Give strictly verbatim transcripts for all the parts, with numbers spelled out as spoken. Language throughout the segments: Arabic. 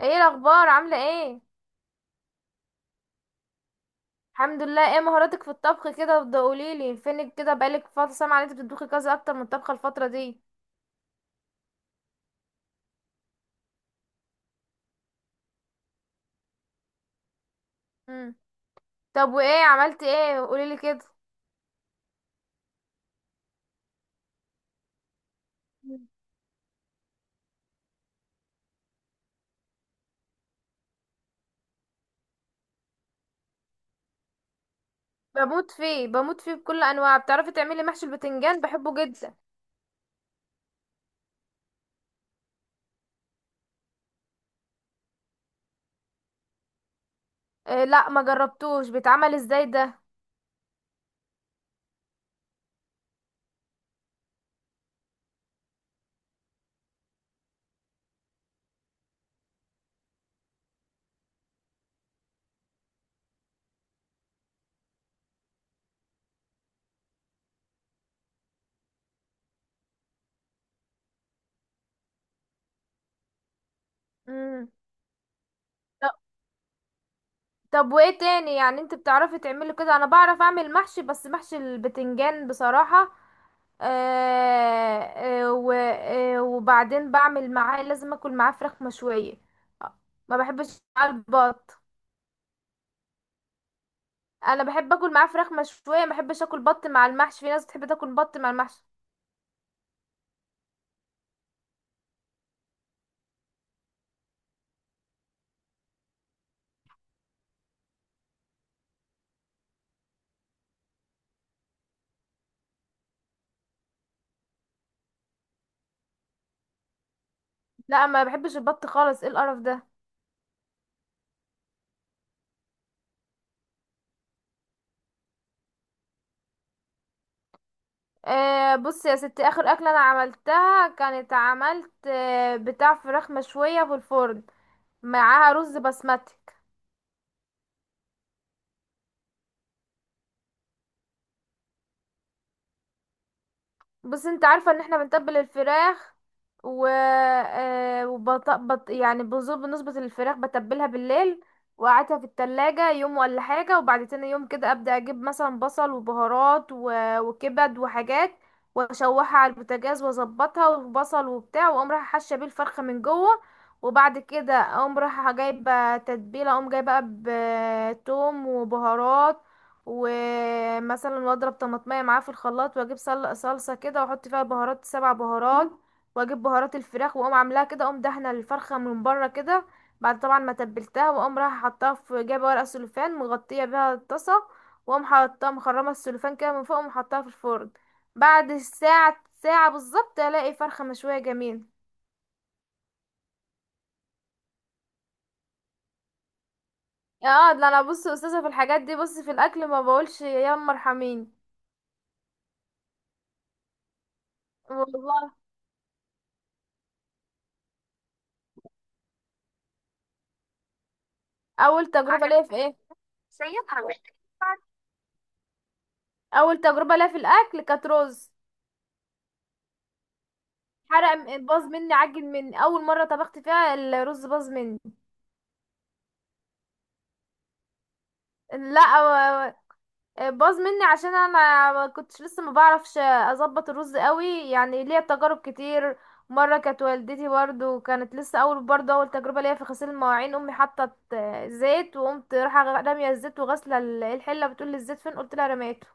ايه الاخبار عامله ايه؟ الحمد لله. ايه مهاراتك في الطبخ كده؟ وبدا قوليلي فينك كده، بقالك فتره سامعه ان انت بتطبخي كذا اكتر من الطبخه الفتره دي. امم. طب وايه عملتي ايه؟ قوليلي كده. مم. بموت فيه بموت فيه بكل انواع. بتعرفي تعملي محشي البتنجان؟ بحبه جدا. إيه، لا ما جربتوش. بيتعمل ازاي ده؟ امم. طب طب وايه تاني؟ يعني انت بتعرفي تعملي كده، انا بعرف اعمل محشي بس محشي البتنجان بصراحه. آه، آه، و- آه، وبعدين بعمل معاه، لازم اكل معاه فراخ مشوية. آه، ما بحبش معاه البط. انا بحب اكل معاه فراخ مشوية، ما بحبش اكل بط مع المحشي، في ناس بتحب تاكل بط مع المحشي. لا ما بحبش البط خالص، ايه القرف ده؟ آه بص يا ستي، اخر اكله انا عملتها كانت عملت آه بتاع فراخ مشويه في الفرن معاها رز بسمتي. بس انت عارفة ان احنا بنتبل الفراخ، و آه، وبط... بط... يعني بظبط بنظبط الفراخ بتبلها بالليل، وقعدها في التلاجة يوم ولا حاجة. وبعد تاني يوم كده ابدأ اجيب مثلا بصل وبهارات و... وكبد وحاجات، واشوحها على البوتاجاز واظبطها وبصل وبتاع، واقوم رايحة حاشة بيه الفرخة من جوه. وبعد كده اقوم رايحة جايبة تتبيلة، اقوم جايبة بقى بتوم وبهارات، ومثلا واضرب طماطمية معاه في الخلاط واجيب سل- صلصة كده واحط فيها بهارات سبع بهارات. واجيب بهارات الفراخ واقوم عاملاها كده، اقوم دهنه الفرخة من بره كده بعد طبعا ما تبلتها. واقوم رايحة حطاها في جايبة ورق سلوفان مغطية بيها الطاسة، واقوم حاطاها مخرمة السلوفان كده من فوق، واقوم حطاها في الفرن بعد ساعة ساعة بالظبط الاقي فرخة مشوية جميلة. اه ده انا بص استاذة في الحاجات دي، بص في الاكل ما بقولش يا ام ارحميني. والله. اول تجربة ليا في ايه؟ سيبها مش تنفع. اول تجربه ليا في الاكل كانت رز. حرق م- باظ مني، عجن مني، اول مره طبخت فيها الرز باظ مني. لا و- باظ مني عشان انا ما كنتش لسه ما بعرفش اظبط الرز قوي. يعني ليا تجارب كتير. مره كانت والدتي برضو كانت لسه اول برضو اول تجربه ليا في غسيل المواعين، امي حطت آه، زيت وقمت رايحه غ- راميه الزيت وغاسله ال- الحله، بتقول لي الزيت فين؟ قلت لها رميته.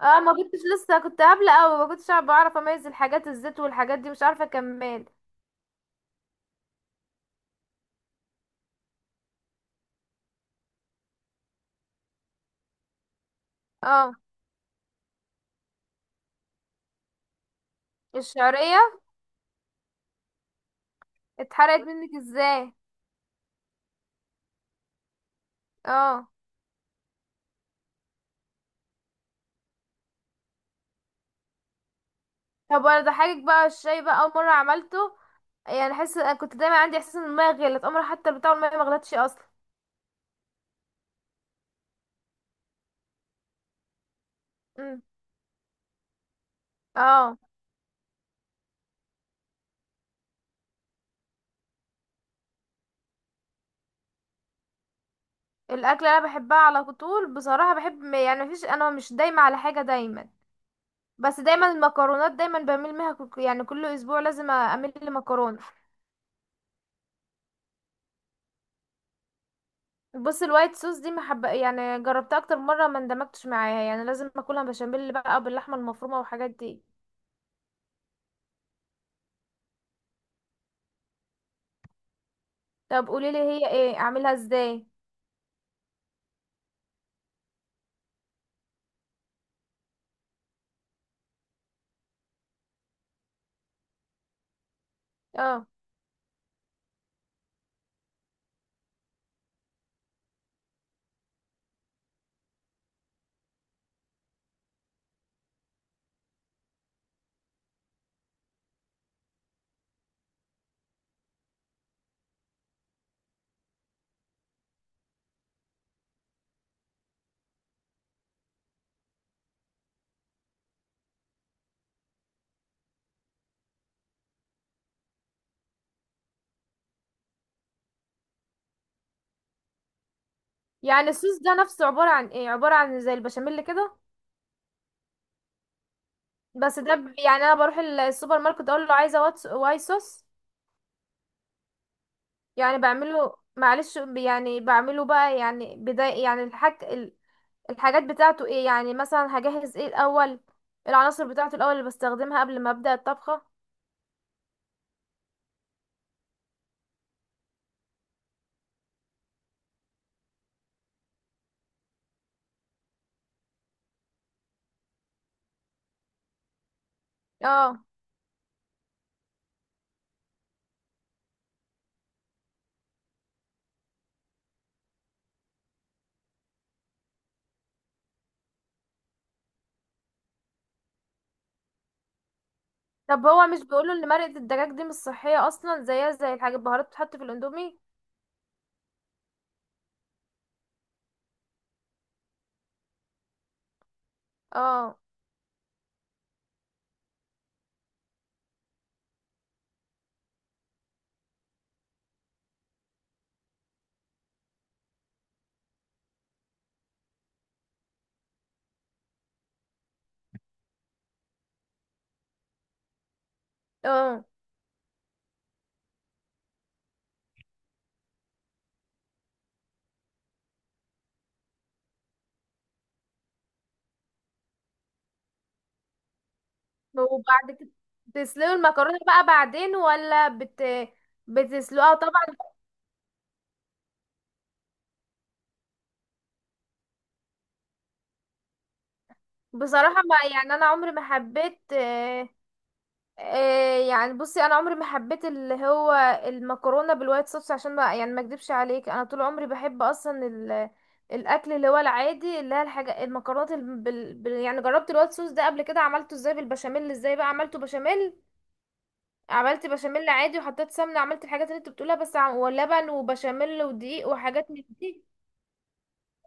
اه ما كنتش لسه، كنت قابلة اوي ما كنتش عارفة- بعرف اميز الحاجات، الزيت والحاجات دي مش عارفة اكمل. اه. الشعرية اتحرقت منك ازاي؟ اه. طب وانا ضحكك بقى، الشاي بقى اول مرة عملته، يعني حس كنت دايما عندي احساس ان المية غلت، عمري حتى بتاع المية ما غلتش اصلا. امم. اه. الاكل اللي انا بحبها على طول بصراحة، بحب يعني مفيش، انا مش دايما على حاجة دايما. بس دايما المكرونات دايما بميل منها، كل- يعني كل اسبوع لازم اعمل لي مكرونة. بص الوايت صوص دي محب، يعني جربتها اكتر مره ما اندمجتش معاها. يعني لازم اكلها بشاميل بقى او باللحمه المفرومه والحاجات دي. طب قولي لي هي ايه، اعملها ازاي؟ اه. يعني الصوص ده نفسه عباره عن ايه، عباره عن زي البشاميل كده؟ بس ده ب... يعني انا بروح ال- السوبر ماركت اقول له عايزه واتس... وايت صوص. يعني بعمله معلش، ب- يعني بعمله بقى يعني بداية، يعني الحاج ال- الحاجات بتاعته ايه؟ يعني مثلا هجهز ايه الاول، العناصر بتاعته الاول اللي بستخدمها قبل ما ابدا الطبخه. اه. طب هو مش بيقولوا ان مرقة الدجاج دي مش صحية اصلا، زيها زي الحاجات البهارات بتتحط في الاندومي؟ اه. اه. وبعد كده تسلقوا المكرونة بقى بعدين ولا بت بتسلقها طبعا. بصراحة ما يعني انا عمري ما حبيت، آه آه يعني بصي انا عمري ما حبيت اللي هو المكرونة بالوايت صوص. عشان ما يعني ما اكدبش عليك، انا طول عمري بحب اصلا ال الاكل اللي هو العادي، اللي هي الحاجه المكرونات الب... بال... بال- يعني جربت الوايت صوص ده قبل كده. عملته ازاي بالبشاميل؟ ازاي بقى عملته بشاميل؟ عملت بشاميل عادي وحطيت سمنه، عملت الحاجات اللي انت بتقولها بس عم... ولبن وبشاميل ودقيق وحاجات من دي.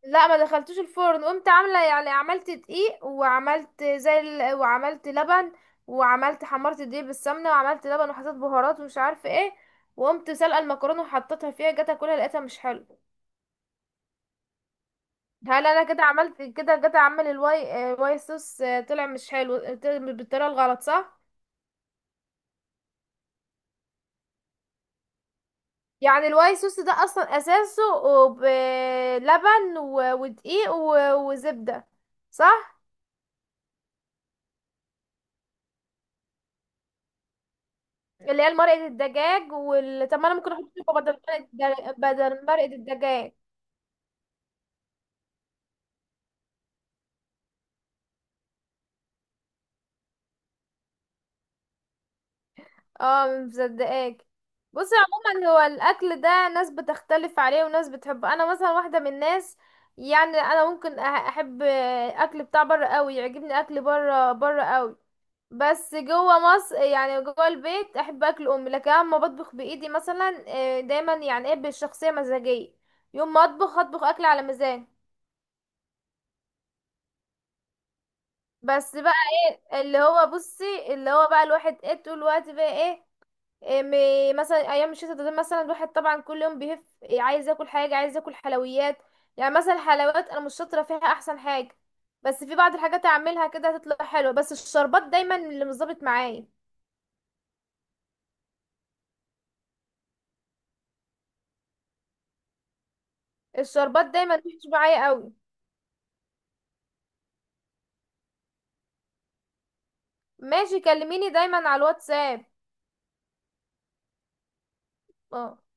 لا ما دخلتوش الفرن، قمت عامله يعني عملت دقيق وعملت زي ال... وعملت لبن، وعملت حمرت الدقيق بالسمنه وعملت لبن وحطيت بهارات ومش عارفه ايه، وقمت سلقه المكرونه وحطيتها فيها، جت اكلها لقيتها مش حلو. هل انا كده عملت كده، جت اعمل الواي آه، واي صوص، آه، طلع مش حلو، آه، بالطريقه الغلط صح؟ يعني الواي صوص ده اصلا اساسه بلبن و- ودقيق و- وزبده صح؟ اللي هي مرقه الدجاج وال... طب ما انا ممكن احط شوكه بدل مرقه الدجاج بدل مرقه الدجاج. اه مصدقاك. بصي عموما هو الاكل ده ناس بتختلف عليه وناس بتحبه، انا مثلا واحده من الناس، يعني انا ممكن أح- احب اكل بتاع بره قوي، يعجبني اكل بره بره قوي. بس جوه مصر يعني جوه البيت احب اكل امي، لكن اما بطبخ بايدي مثلا آه، دايما يعني ايه، بالشخصيه مزاجيه، يوم ما اطبخ اطبخ اكل على مزاج. بس بقى اللي هو بصي اللي هو بقى الواحد ايه طول الوقت بقى ايه، إم- مثلا ايام الشتاء ده مثلا الواحد طبعا كل يوم بيهف، عايز ياكل حاجه، عايز ياكل حلويات. يعني مثلا الحلويات انا مش شاطره فيها احسن حاجه، بس في بعض الحاجات اعملها كده هتطلع حلوه. بس الشربات دايما اللي مش ظابط معايا، الشربات دايما مش معايا قوي. ماشي، كلميني دايما على الواتساب. اه.